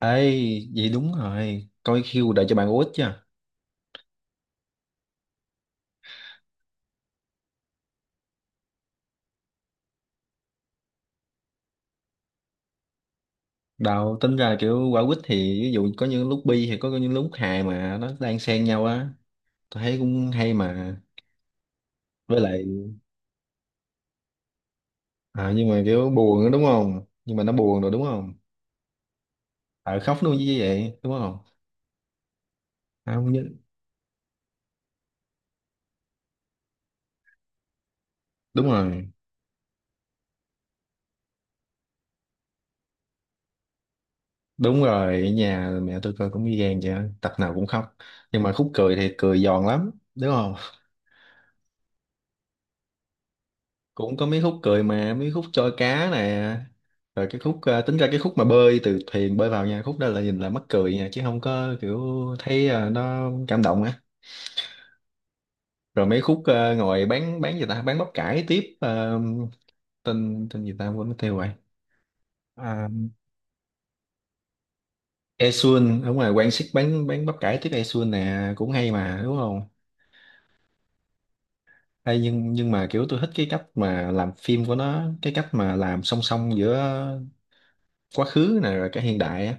Ê, vậy đúng rồi. Coi Q đợi cho bạn quýt chứ. Đào tính ra là kiểu quả quýt thì ví dụ có những lúc bi thì có những lúc hài mà nó đang xen nhau á. Tôi thấy cũng hay mà. Với lại nhưng mà kiểu buồn đó, đúng không? Nhưng mà nó buồn rồi đúng không? Ờ khóc luôn như vậy đúng không? À, không nhớ. Đúng rồi. Đúng rồi, ở nhà mẹ tôi coi cũng ghi gan vậy, á, tập nào cũng khóc. Nhưng mà khúc cười thì cười giòn lắm, đúng không? Cũng có mấy khúc cười mà mấy khúc trôi cá nè rồi cái khúc tính ra cái khúc mà bơi từ thuyền bơi vào nha, khúc đó là nhìn là mắc cười nha, chứ không có kiểu thấy nó cảm động á. Rồi mấy khúc ngồi bán gì ta, bán bắp cải tiếp tên tên gì ta quên mất tiêu rồi. À, Esun ở ngoài Quang Sik bán bắp cải tiếp Esun nè, cũng hay mà đúng không? Hay, nhưng mà kiểu tôi thích cái cách mà làm phim của nó, cái cách mà làm song song giữa quá khứ nè rồi cả hiện đại á.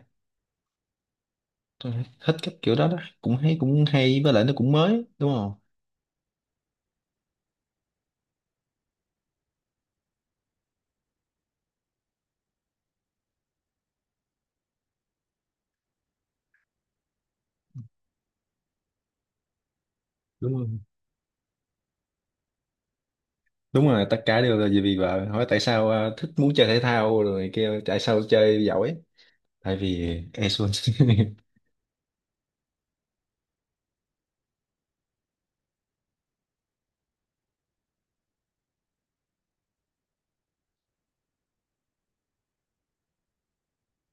Tôi thích cái kiểu đó đó, cũng hay cũng hay, với lại nó cũng mới đúng không? Đúng không? Đúng rồi, tất cả đều là vì vì vợ. Hỏi tại sao thích muốn chơi thể thao rồi kêu tại sao chơi giỏi, tại vì e.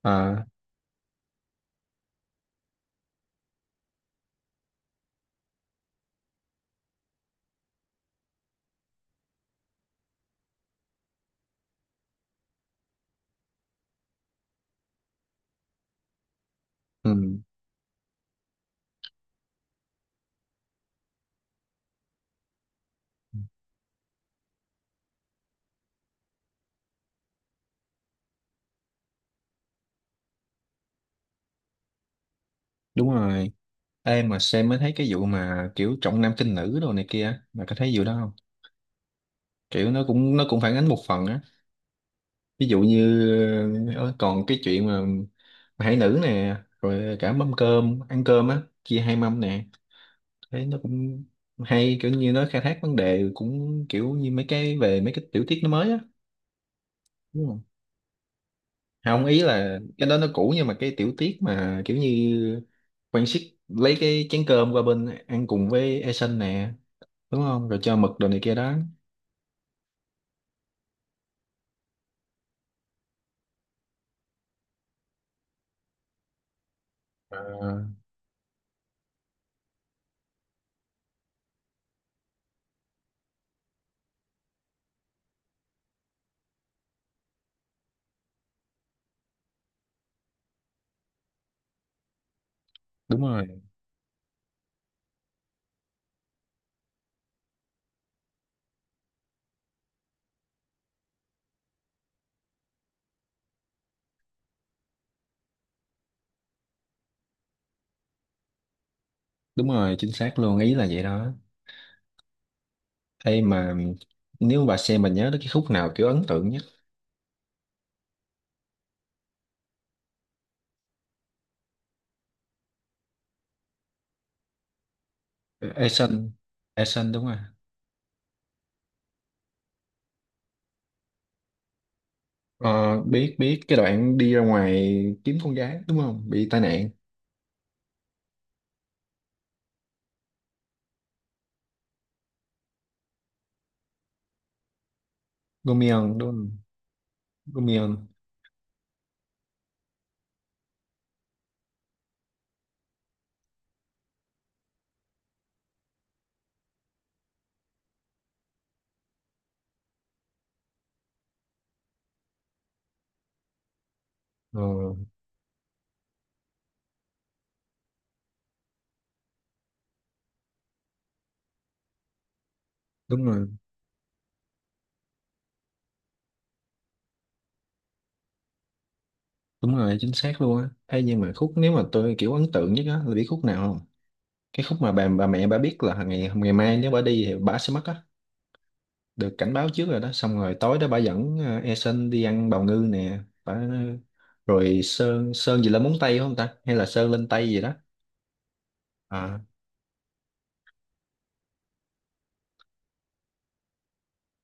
À, ừ, đúng rồi. Ê, mà xem mới thấy cái vụ mà kiểu trọng nam khinh nữ đồ này kia, mà có thấy vụ đó không? Kiểu nó cũng phản ánh một phần á. Ví dụ như còn cái chuyện mà hải nữ nè, rồi cả mâm cơm ăn cơm á chia hai mâm nè, thế nó cũng hay, kiểu như nó khai thác vấn đề cũng kiểu như mấy cái về mấy cái tiểu tiết nó mới á, đúng không? Không, ý là cái đó nó cũ nhưng mà cái tiểu tiết mà kiểu như quan siết lấy cái chén cơm qua bên ăn cùng với Eason nè, đúng không, rồi cho mực đồ này kia đó. Ờ, đúng rồi, đúng rồi, chính xác luôn, ý là vậy đó. Ê mà nếu bà xem, bà nhớ đến cái khúc nào kiểu ấn tượng nhất? Eason, Eason đúng rồi. Ờ, biết biết cái đoạn đi ra ngoài kiếm con gái đúng không, bị tai nạn. Gomion đúng không? Gomion. Ờ, đúng rồi, đúng rồi, chính xác luôn á. Hay, nhưng mà khúc nếu mà tôi kiểu ấn tượng nhất á, là biết khúc nào không? Cái khúc mà bà mẹ bà biết là ngày ngày mai nếu bà đi thì bà sẽ mất á, được cảnh báo trước rồi đó, xong rồi tối đó bà dẫn Eason đi ăn bào ngư nè. Bà rồi sơn sơn gì lên móng tay không ta, hay là sơn lên tay gì đó. À,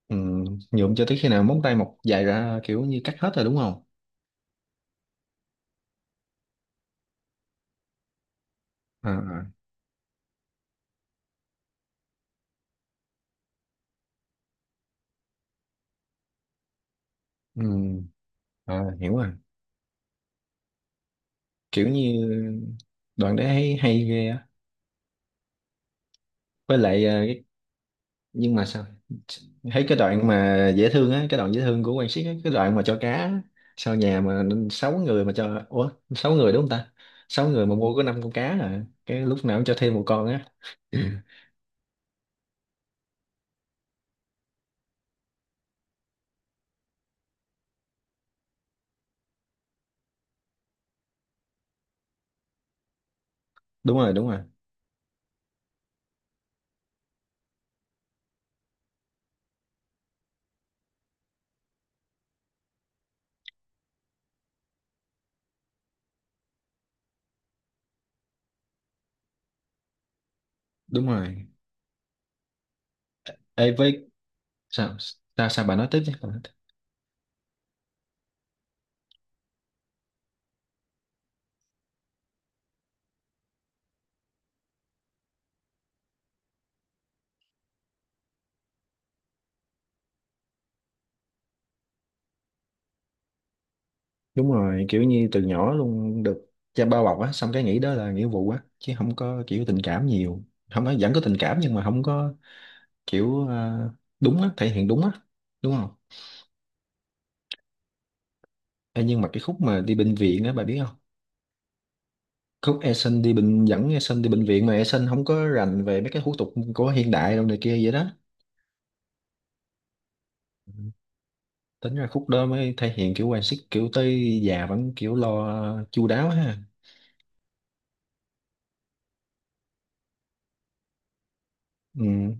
ừ, nhuộm cho tới khi nào móng tay mọc dài ra kiểu như cắt hết rồi đúng không? À, à, ừ, à hiểu rồi. Kiểu như đoạn đấy hay, hay ghê á. Với lại cái, nhưng mà sao? Thấy cái đoạn mà dễ thương á, cái đoạn dễ thương của Quang Siết á, cái đoạn mà cho cá á, sau nhà mà sáu người mà cho, ủa sáu người đúng không ta, sáu người mà mua có năm con cá à, cái lúc nào cũng cho thêm một con á. Ừ. Đúng rồi, đúng rồi, đúng rồi. Ê, với, sao, Sao bà nói tiếp chứ. Bà nói tiếp. Đúng rồi, kiểu như từ nhỏ luôn được cha bao bọc á, xong cái nghĩ đó là nghĩa vụ á, chứ không có kiểu tình cảm nhiều. Không, nói vẫn có tình cảm nhưng mà không có kiểu đúng á, thể hiện đúng á, đúng không? Ê, nhưng mà cái khúc mà đi bệnh viện á, bà biết không? Khúc Eason đi bệnh, dẫn Eason đi bệnh viện mà Eason không có rành về mấy cái hủ tục của hiện đại đâu này kia vậy đó. Ừ. Tính ra khúc đó mới thể hiện kiểu quan sức kiểu tới già vẫn kiểu lo chu đáo ha. Ừ,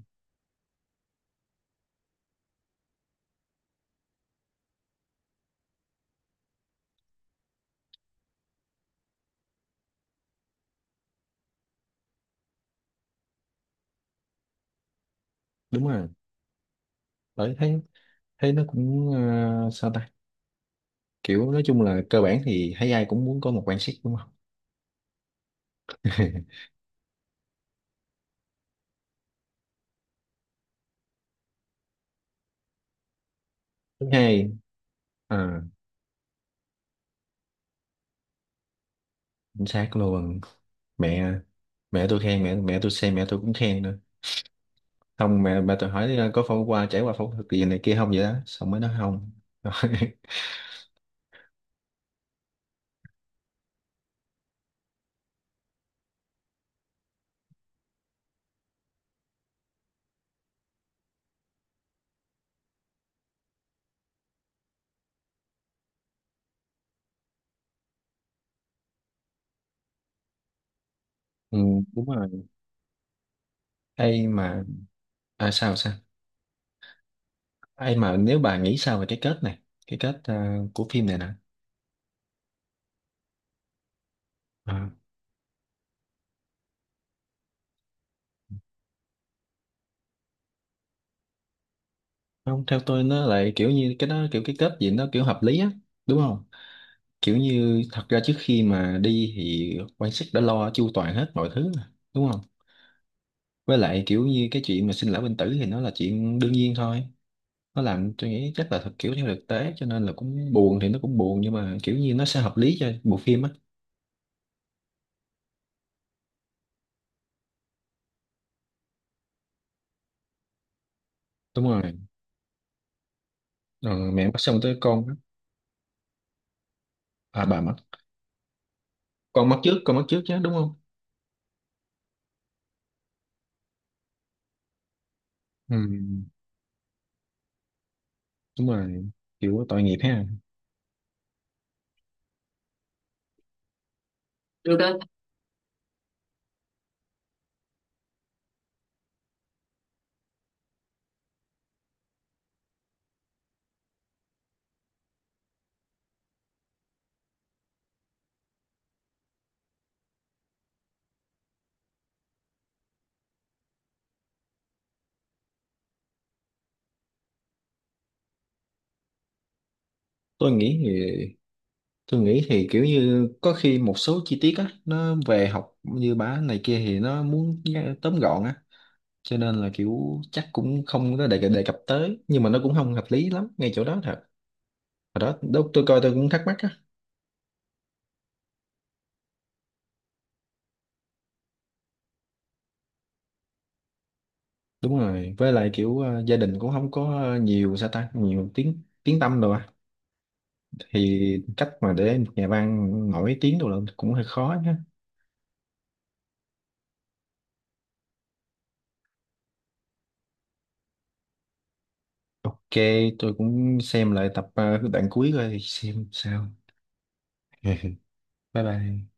đúng rồi. Bởi thấy, thấy nó cũng sao ta, kiểu nói chung là cơ bản thì thấy ai cũng muốn có một quan sức đúng không. Thứ hai, à, chính xác luôn. Mẹ mẹ tôi khen, mẹ mẹ tôi xem mẹ tôi cũng khen nữa. Không, mẹ ba tôi hỏi có phẫu, qua trải qua phẫu thuật gì này kia không vậy đó, xong mới nói không. Ừ, đúng rồi. Ai mà, sao sao? Ai mà, nếu bà nghĩ sao về cái kết này, cái kết của phim này nè. Ờ, không, theo tôi nó lại kiểu như cái đó kiểu cái kết gì nó kiểu hợp lý á, đúng không? Kiểu như thật ra trước khi mà đi thì quan sát đã lo chu toàn hết mọi thứ mà, đúng không? Với lại kiểu như cái chuyện mà sinh lão bệnh tử thì nó là chuyện đương nhiên thôi. Nó làm tôi nghĩ chắc là thật, kiểu theo thực tế, cho nên là cũng buồn thì nó cũng buồn nhưng mà kiểu như nó sẽ hợp lý cho bộ phim á. Đúng rồi. Ờ, mẹ mất xong tới con á. À bà mất. Con mất trước, con mất trước chứ đúng không? Ừ, đúng rồi, kiểu tội nghiệp ha. Được đó. Tôi nghĩ thì tôi nghĩ thì kiểu như có khi một số chi tiết á nó về học như bả này kia thì nó muốn nghe- tóm gọn á, cho nên là kiểu chắc cũng không có đề, đề cập tới, nhưng mà nó cũng không hợp lý lắm ngay chỗ đó thật. Hồi đó lúc tôi coi tôi cũng thắc mắc á. Đúng rồi, với lại kiểu gia đình cũng không có nhiều, sao ta, nhiều tiếng tiếng tăm đâu á, thì cách mà để một nhà văn nổi tiếng đâu là cũng hơi khó nhá. Ok, tôi cũng xem lại tập đoạn cuối coi xem sao. Bye bye.